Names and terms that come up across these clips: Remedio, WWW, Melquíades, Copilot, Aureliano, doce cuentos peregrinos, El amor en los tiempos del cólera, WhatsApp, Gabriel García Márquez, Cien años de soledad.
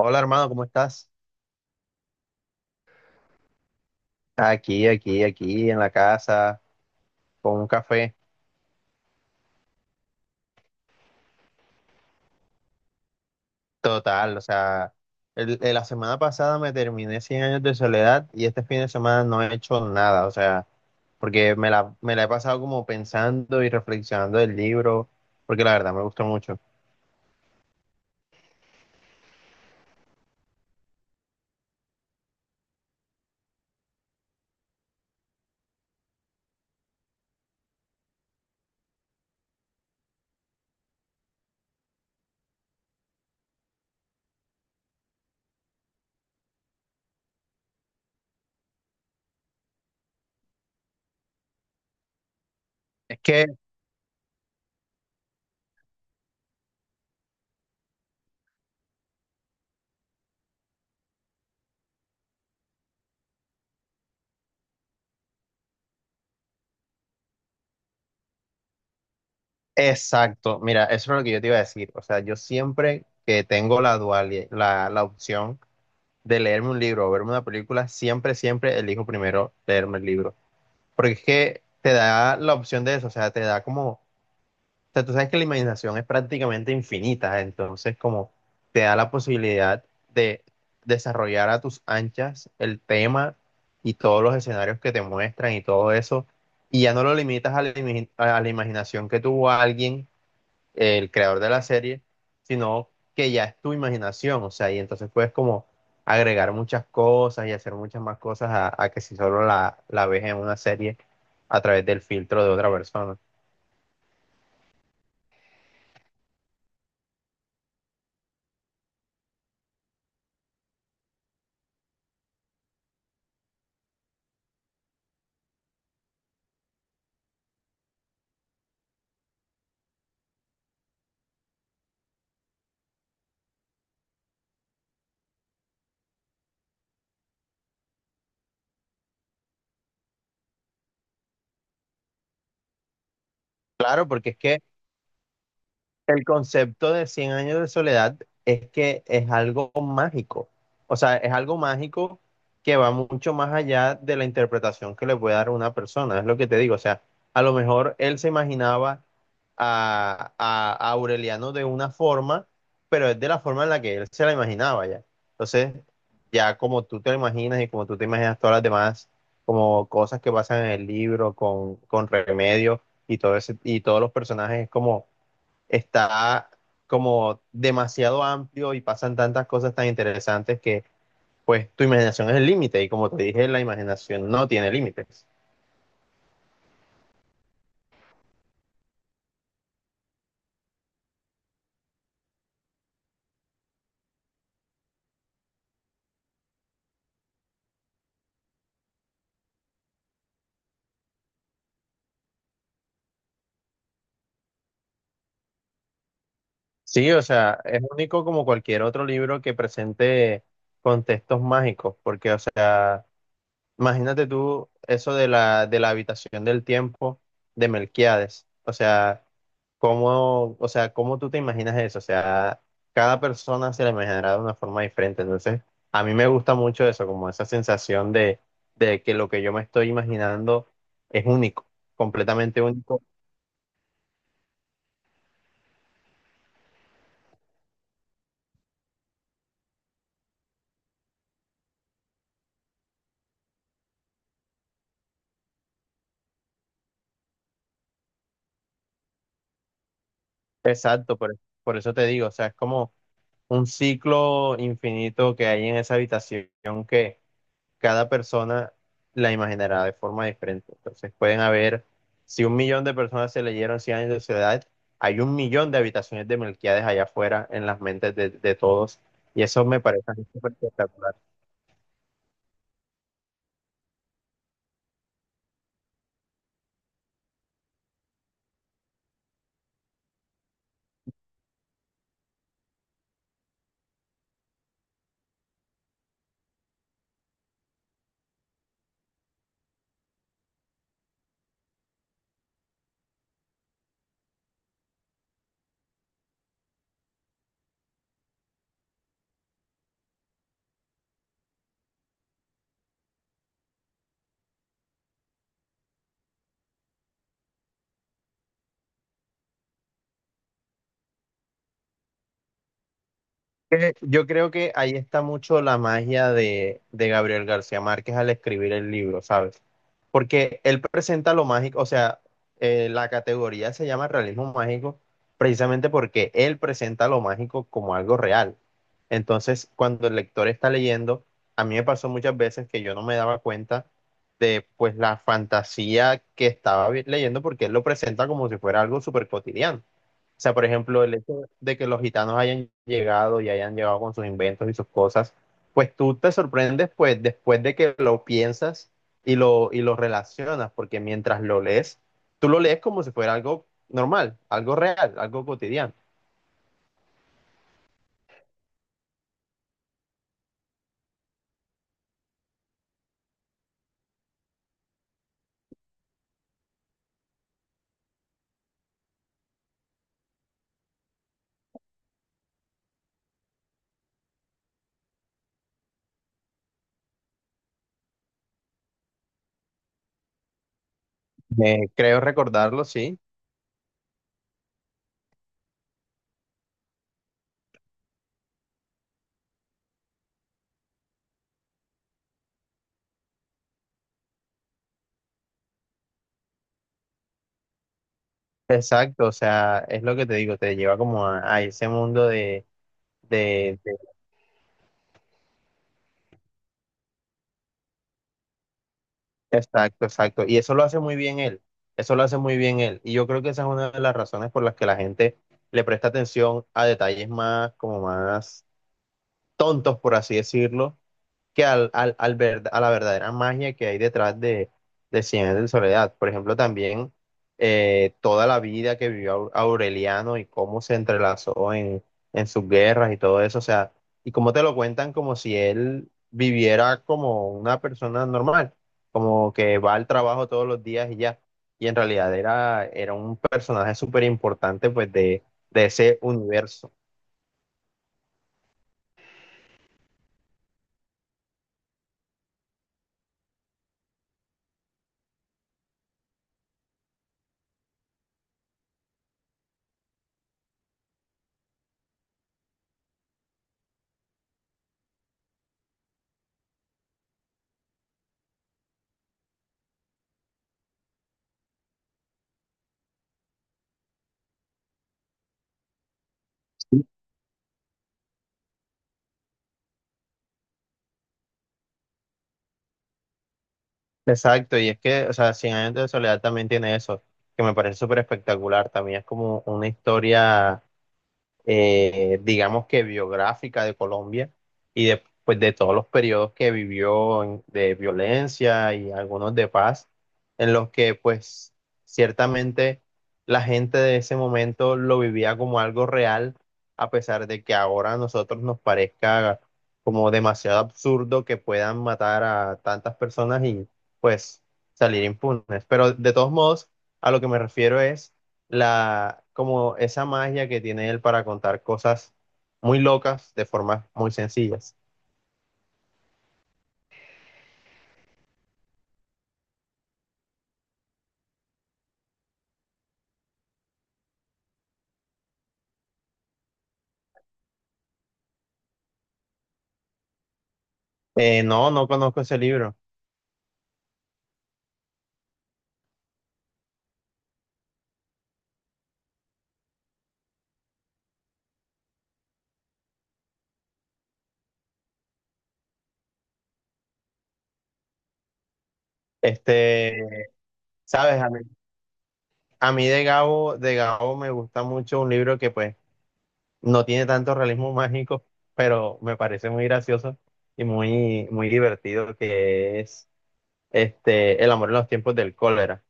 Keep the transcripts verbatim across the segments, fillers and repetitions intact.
Hola hermano, ¿cómo estás? Aquí, aquí, aquí en la casa, con un café. Total, o sea, el- el- la semana pasada me terminé Cien años de soledad y este fin de semana no he hecho nada, o sea, porque me la, me la he pasado como pensando y reflexionando del libro, porque la verdad me gustó mucho. Es que, exacto, mira, eso es lo que yo te iba a decir, o sea, yo siempre que tengo la dualidad, la, la opción de leerme un libro o verme una película, siempre, siempre elijo primero leerme el libro. Porque es que te da la opción de eso, o sea, te da como, o sea, tú sabes que la imaginación es prácticamente infinita, entonces como te da la posibilidad de desarrollar a tus anchas el tema y todos los escenarios que te muestran y todo eso, y ya no lo limitas a la, imi- a la imaginación que tuvo alguien, el creador de la serie, sino que ya es tu imaginación, o sea, y entonces puedes como agregar muchas cosas y hacer muchas más cosas a, a que si solo la, la ves en una serie a través del filtro de otra persona. Claro, porque es que el concepto de Cien años de soledad es que es algo mágico, o sea, es algo mágico que va mucho más allá de la interpretación que le puede dar una persona, es lo que te digo, o sea, a lo mejor él se imaginaba a, a- a Aureliano de una forma, pero es de la forma en la que él se la imaginaba ya. Entonces, ya como tú te lo imaginas y como tú te imaginas todas las demás, como cosas que pasan en el libro con, con Remedio y todo ese, y todos los personajes, es como está como demasiado amplio y pasan tantas cosas tan interesantes que pues tu imaginación es el límite y como te dije, la imaginación no tiene límites. Sí, o sea, es único como cualquier otro libro que presente contextos mágicos, porque o sea, imagínate tú eso de la, de la habitación del tiempo de Melquíades. O sea, ¿cómo, o sea, cómo tú te imaginas eso? O sea, cada persona se la imaginará de una forma diferente. Entonces, a mí me gusta mucho eso, como esa sensación de, de que lo que yo me estoy imaginando es único, completamente único. Exacto, por, por eso te digo, o sea, es como un ciclo infinito que hay en esa habitación que cada persona la imaginará de forma diferente. Entonces pueden haber, si un millón de personas se leyeron Cien años de soledad, hay un millón de habitaciones de Melquíades allá afuera en las mentes de, de todos. Y eso me parece a mí súper espectacular. Que yo creo que ahí está mucho la magia de, de Gabriel García Márquez al escribir el libro, ¿sabes? Porque él presenta lo mágico, o sea, eh, la categoría se llama realismo mágico precisamente porque él presenta lo mágico como algo real. Entonces, cuando el lector está leyendo, a mí me pasó muchas veces que yo no me daba cuenta de pues la fantasía que estaba vi- leyendo porque él lo presenta como si fuera algo súper cotidiano. O sea, por ejemplo, el hecho de que los gitanos hayan llegado y hayan llegado con sus inventos y sus cosas, pues tú te sorprendes pues después de que lo piensas y lo, y lo relacionas, porque mientras lo lees, tú lo lees como si fuera algo normal, algo real, algo cotidiano. Eh, creo recordarlo, sí. Exacto, o sea, es lo que te digo, te lleva como a, a ese mundo de. Exacto, exacto. Y eso lo hace muy bien él. Eso lo hace muy bien él. Y yo creo que esa es una de las razones por las que la gente le presta atención a detalles más, como más tontos, por así decirlo, que al, al, al verd- a la verdadera magia que hay detrás de, de Cien años de soledad. Por ejemplo, también eh, toda la vida que vivió Au- Aureliano y cómo se entrelazó en, en sus guerras y todo eso, o sea, y cómo te lo cuentan como si él viviera como una persona normal, como que va al trabajo todos los días y ya. Y en realidad era, era un personaje súper importante pues de, de ese universo. Exacto, y es que, o sea, Cien años de soledad también tiene eso, que me parece súper espectacular, también es como una historia eh, digamos que biográfica de Colombia y después de todos los periodos que vivió en- de violencia y algunos de paz, en los que pues ciertamente la gente de ese momento lo vivía como algo real, a pesar de que ahora a nosotros nos parezca como demasiado absurdo que puedan matar a tantas personas y pues salir impunes. Pero de todos modos, a lo que me refiero es la, como esa magia que tiene él para contar cosas muy locas de formas muy sencillas. Eh, no, no conozco ese libro. Este, sabes, a mí, a mí de Gabo, de Gabo me gusta mucho un libro que pues no tiene tanto realismo mágico, pero me parece muy gracioso y muy, muy divertido, que es este, El amor en los tiempos del cólera.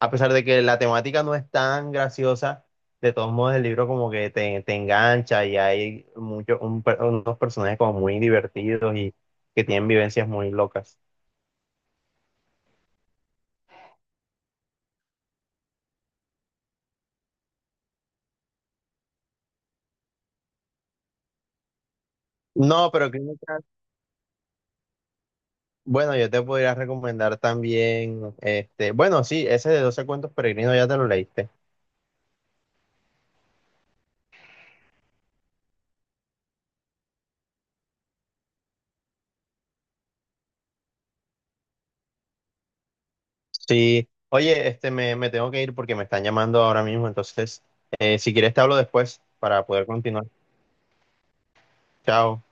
A pesar de que la temática no es tan graciosa, de todos modos el libro como que te, te engancha y hay muchos unos personajes como muy divertidos y que tienen vivencias muy locas. No, pero Crónica- bueno, yo te podría recomendar también, este, bueno, sí, ese de Doce cuentos peregrinos ya te lo leíste. Sí, oye, este, me, me tengo que ir porque me están llamando ahora mismo, entonces, eh, si quieres te hablo después para poder continuar. Chao.